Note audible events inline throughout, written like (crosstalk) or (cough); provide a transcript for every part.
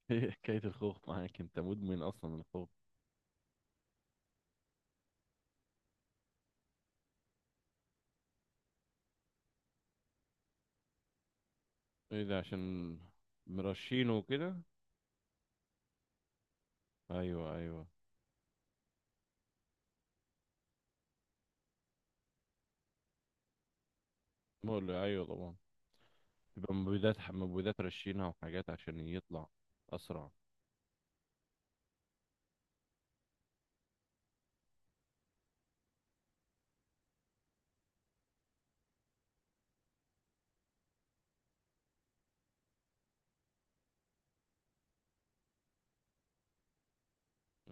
(laughs) ايه حكاية الخوخ معاك؟ انت مدمن اصلا من الخوخ. ايه ده؟ عشان مرشينه وكده؟ ايوه، ايوه. مقل ايوه طبعا. يبقى مبيدات مبيدات رشينها وحاجات عشان يطلع اسرع.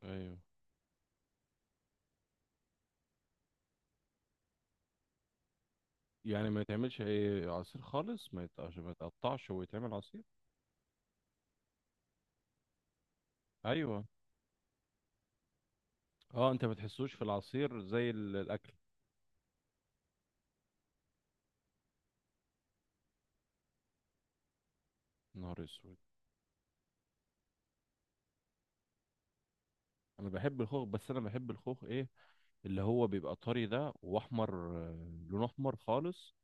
ايوه، يعني ما يتعملش اي عصير خالص، ما يت- عشان ما يتقطعش ويتعمل عصير. ايوه. اه، انت ما بتحسوش في العصير زي الاكل. نهار اسود. انا بحب الخوخ، بس انا بحب الخوخ ايه؟ اللي هو بيبقى طري ده واحمر، لون احمر خالص.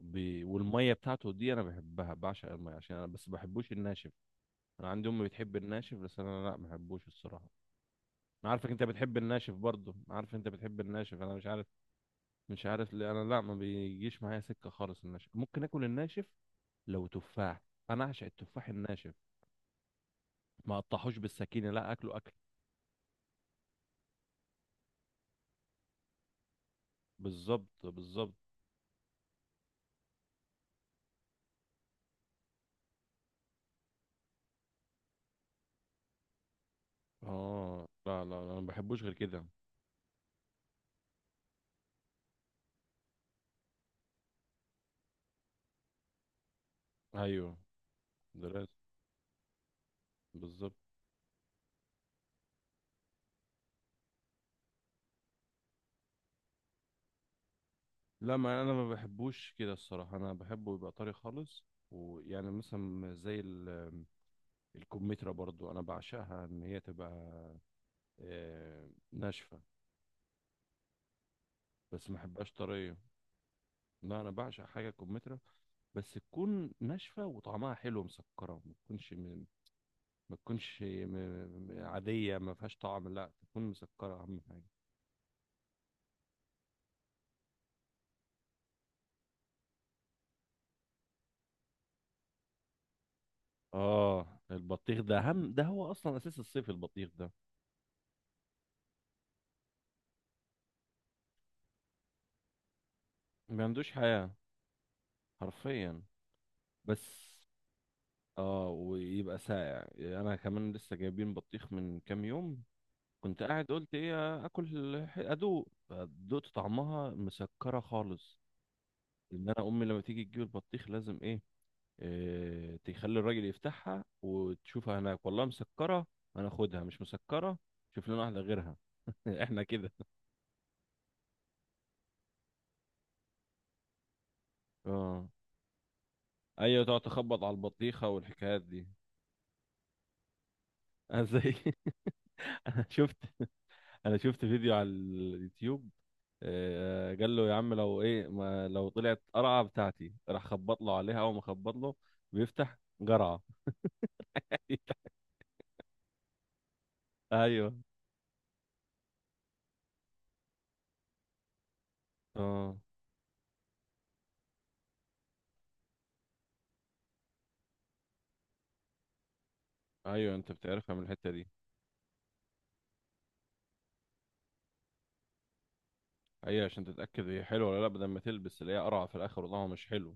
والميه بتاعته دي انا بحبها، بعشق الميه، عشان انا بس بحبوش الناشف. انا عندي امي بتحب الناشف، بس انا لا، ما بحبوش الصراحه. انا عارفك انت بتحب الناشف برضه، انا عارف انت بتحب الناشف، انا مش عارف. مش عارف ليه، انا لا، ما بيجيش معايا سكه خالص الناشف. ممكن اكل الناشف لو تفاح. انا اعشق التفاح الناشف، ما اقطعوش بالسكينه، لا اكله اكل. بالظبط، بالظبط. اه، لا لا لا، انا ما بحبوش غير كده. ايوه. دراسه. بالظبط. لا، ما انا ما بحبوش كده الصراحه، انا بحبه يبقى طري خالص. ويعني مثلا زي الكمثرى، برضو انا بعشقها ان هي تبقى ناشفه. بس ما بحبهاش طريه. لا انا بعشق حاجه كمثرى، بس تكون ناشفه وطعمها حلو مسكره، ما تكونش م- ما تكونش م- م- عاديه، ما فيهاش طعم، لا تكون مسكره اهم حاجه. اه البطيخ ده اهم، ده هو اصلا اساس الصيف البطيخ ده. ما عندوش حياه حرفيا. بس. اه ويبقى ساقع. يعني انا كمان لسه جايبين بطيخ من كام يوم، كنت قاعد قلت ايه، اكل، ادوق، فدقت طعمها مسكره خالص. ان انا امي لما تيجي تجيب البطيخ لازم ايه، إيه، تخلي الراجل يفتحها وتشوفها هناك، والله مسكره، انا اخدها، مش مسكره، شوف لنا واحده غيرها. (laughs) احنا كده. اه. ايوه، تقعد تخبط على البطيخه والحكايات دي. (laughs) أنا زي (laughs) انا شفت انا شفت فيديو على اليوتيوب، قال له يا عم لو ايه، ما لو طلعت قرعه بتاعتي، راح خبط له عليها، اول ما خبط له بيفتح قرعه. (laughs) ايوه. اه، ايوه، انت بتعرفها من الحته دي. ايوه عشان تتاكد هي حلوه ولا لا، بدل ما تلبس اللي هي قرعه في الاخر والله مش حلو.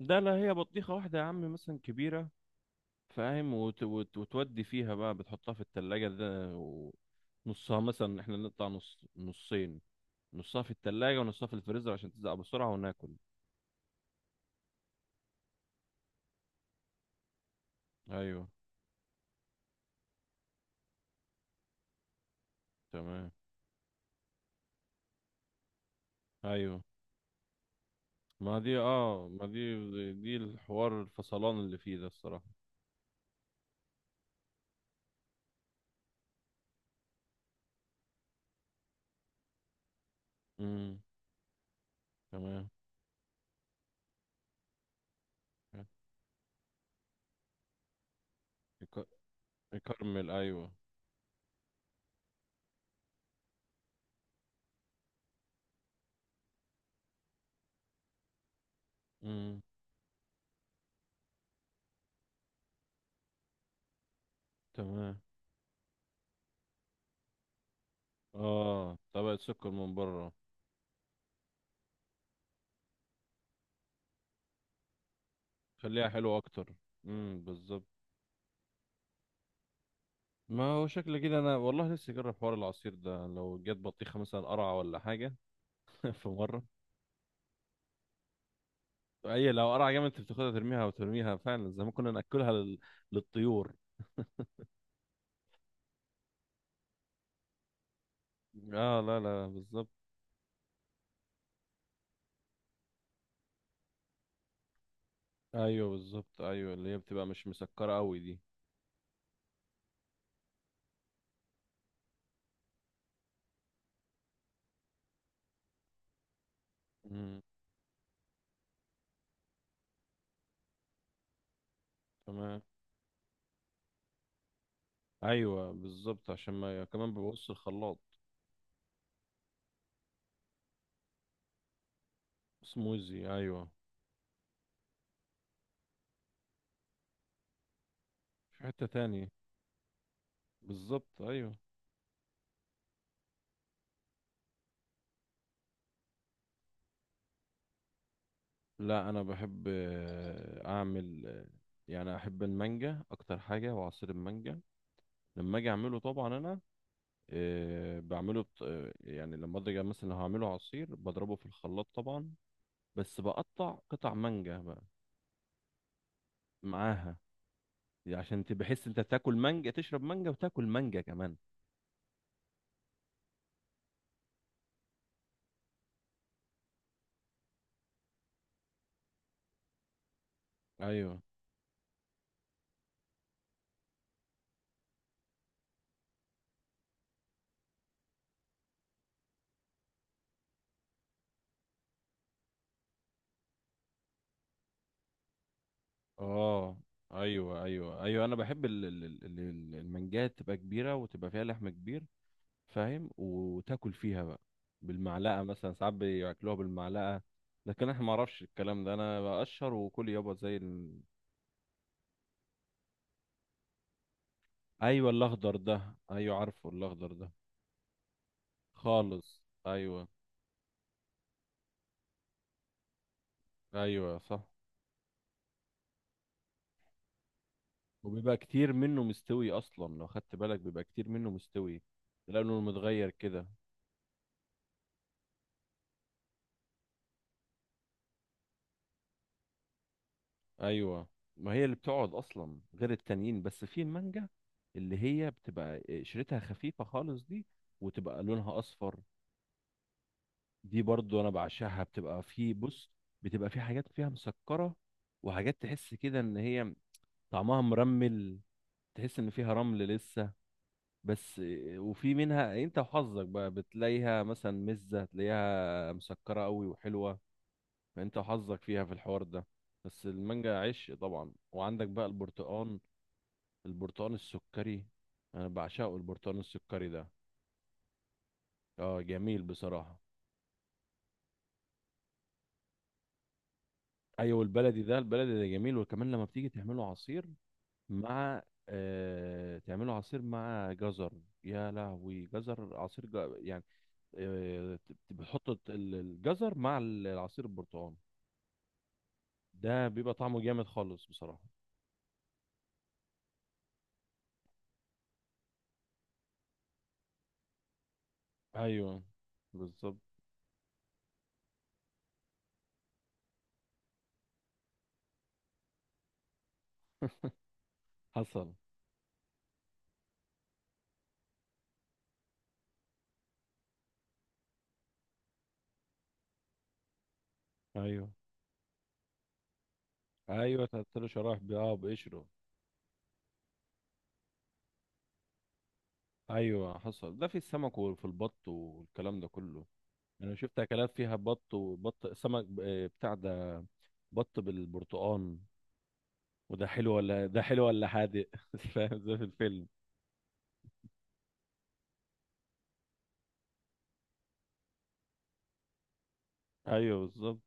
ده لا، هي بطيخه واحده يا عم، مثلا كبيره، فاهم، وتودي فيها بقى، بتحطها في التلاجة ده و... نصها مثلا، احنا نقطع نص نصين، نصها في التلاجة ونصها في الفريزر عشان تزق بسرعة وناكل. ايوه، تمام. ايوه، ما دي. دي الحوار الفصلان اللي فيه ده الصراحة. امم تمام. يك- يكرمل، ايوه. امم تمام. اه، طبقة سكر من بره. خليها حلوة اكتر. بالظبط. ما هو شكل كده، انا والله لسه جرب حوار العصير ده لو جت بطيخة مثلا قرعة ولا حاجة. (laughs) في مرة. اي لو قرعة جامد انت بتاخدها ترميها، وترميها فعلا زي ما كنا ناكلها للطيور. اه لا لا، بالظبط. ايوه بالظبط، ايوه اللي هي بتبقى مش مسكره قوي دي. امم تمام. ايوه بالظبط، عشان ما كمان ببص الخلاط. سموزي، ايوه. في حته تانية. بالظبط، ايوه. لا انا بحب اعمل يعني احب المانجا اكتر حاجه، وعصير المانجا لما اجي اعمله طبعا انا، بعمله بط... آه، يعني لما اجي مثلا لو هعمله عصير بضربه في الخلاط طبعا، بس بقطع قطع مانجا بقى معاها، دي عشان تبقى حس انت تاكل مانجا، تشرب مانجا وتاكل مانجا كمان. ايوه. اه ايوه ايوه ايوه، انا بحب المانجات تبقى كبيره وتبقى فيها لحم كبير، فاهم، وتاكل فيها بقى بالمعلقه، مثلا ساعات بياكلوها بالمعلقه. لكن احنا ما اعرفش الكلام ده، انا بقشر وكل يابا زي ايوه الاخضر ده، ايوه عارفه الاخضر ده خالص. ايوه، ايوه صح، وبيبقى كتير منه مستوي اصلا، لو خدت بالك بيبقى كتير منه مستوي، لانه متغير كده. ايوه، ما هي اللي بتقعد اصلا غير التانيين، بس في المانجا اللي هي بتبقى قشرتها خفيفه خالص دي، وتبقى لونها اصفر، دي برضو انا بعشقها، بتبقى في، بص، بتبقى في حاجات فيها مسكره، وحاجات تحس كده ان هي طعمها مرمل، تحس ان فيها رمل لسه. بس، وفي منها انت وحظك بقى، بتلاقيها مثلا مزه، تلاقيها مسكره قوي وحلوه، فانت وحظك فيها في الحوار ده. بس المانجا عشق طبعا، وعندك بقى البرتقال، البرتقال السكري، انا بعشقه البرتقال السكري ده. اه جميل بصراحة. ايوه البلدي ده، البلدي ده جميل، وكمان لما بتيجي تعمله عصير، مع تعمله عصير مع جزر، يا لهوي، جزر عصير يعني، آه بتحط الجزر مع العصير البرتقال، ده بيبقى طعمه جامد خالص بصراحة. ايوه بالظبط، حصل. ايوه، ايوه، تلات شرايح بقشره. ايوه حصل، ده في السمك وفي البط والكلام ده كله. انا شفت اكلات فيها بط، وبط سمك، بتاع ده، بط بالبرتقال. وده حلو ولا ده حلو ولا حادق، (laughs) فاهم؟ زي في الفيلم. ايوه بالظبط.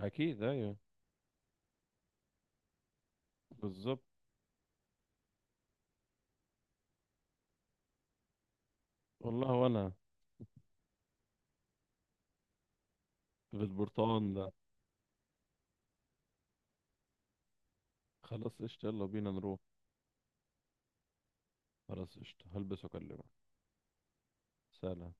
اكيد، ايوه بالظبط. والله وانا. بالبرتقال ده، خلاص قشطة، يلا بينا نروح. خلاص قشطة، هلبس واكلمك. سلام.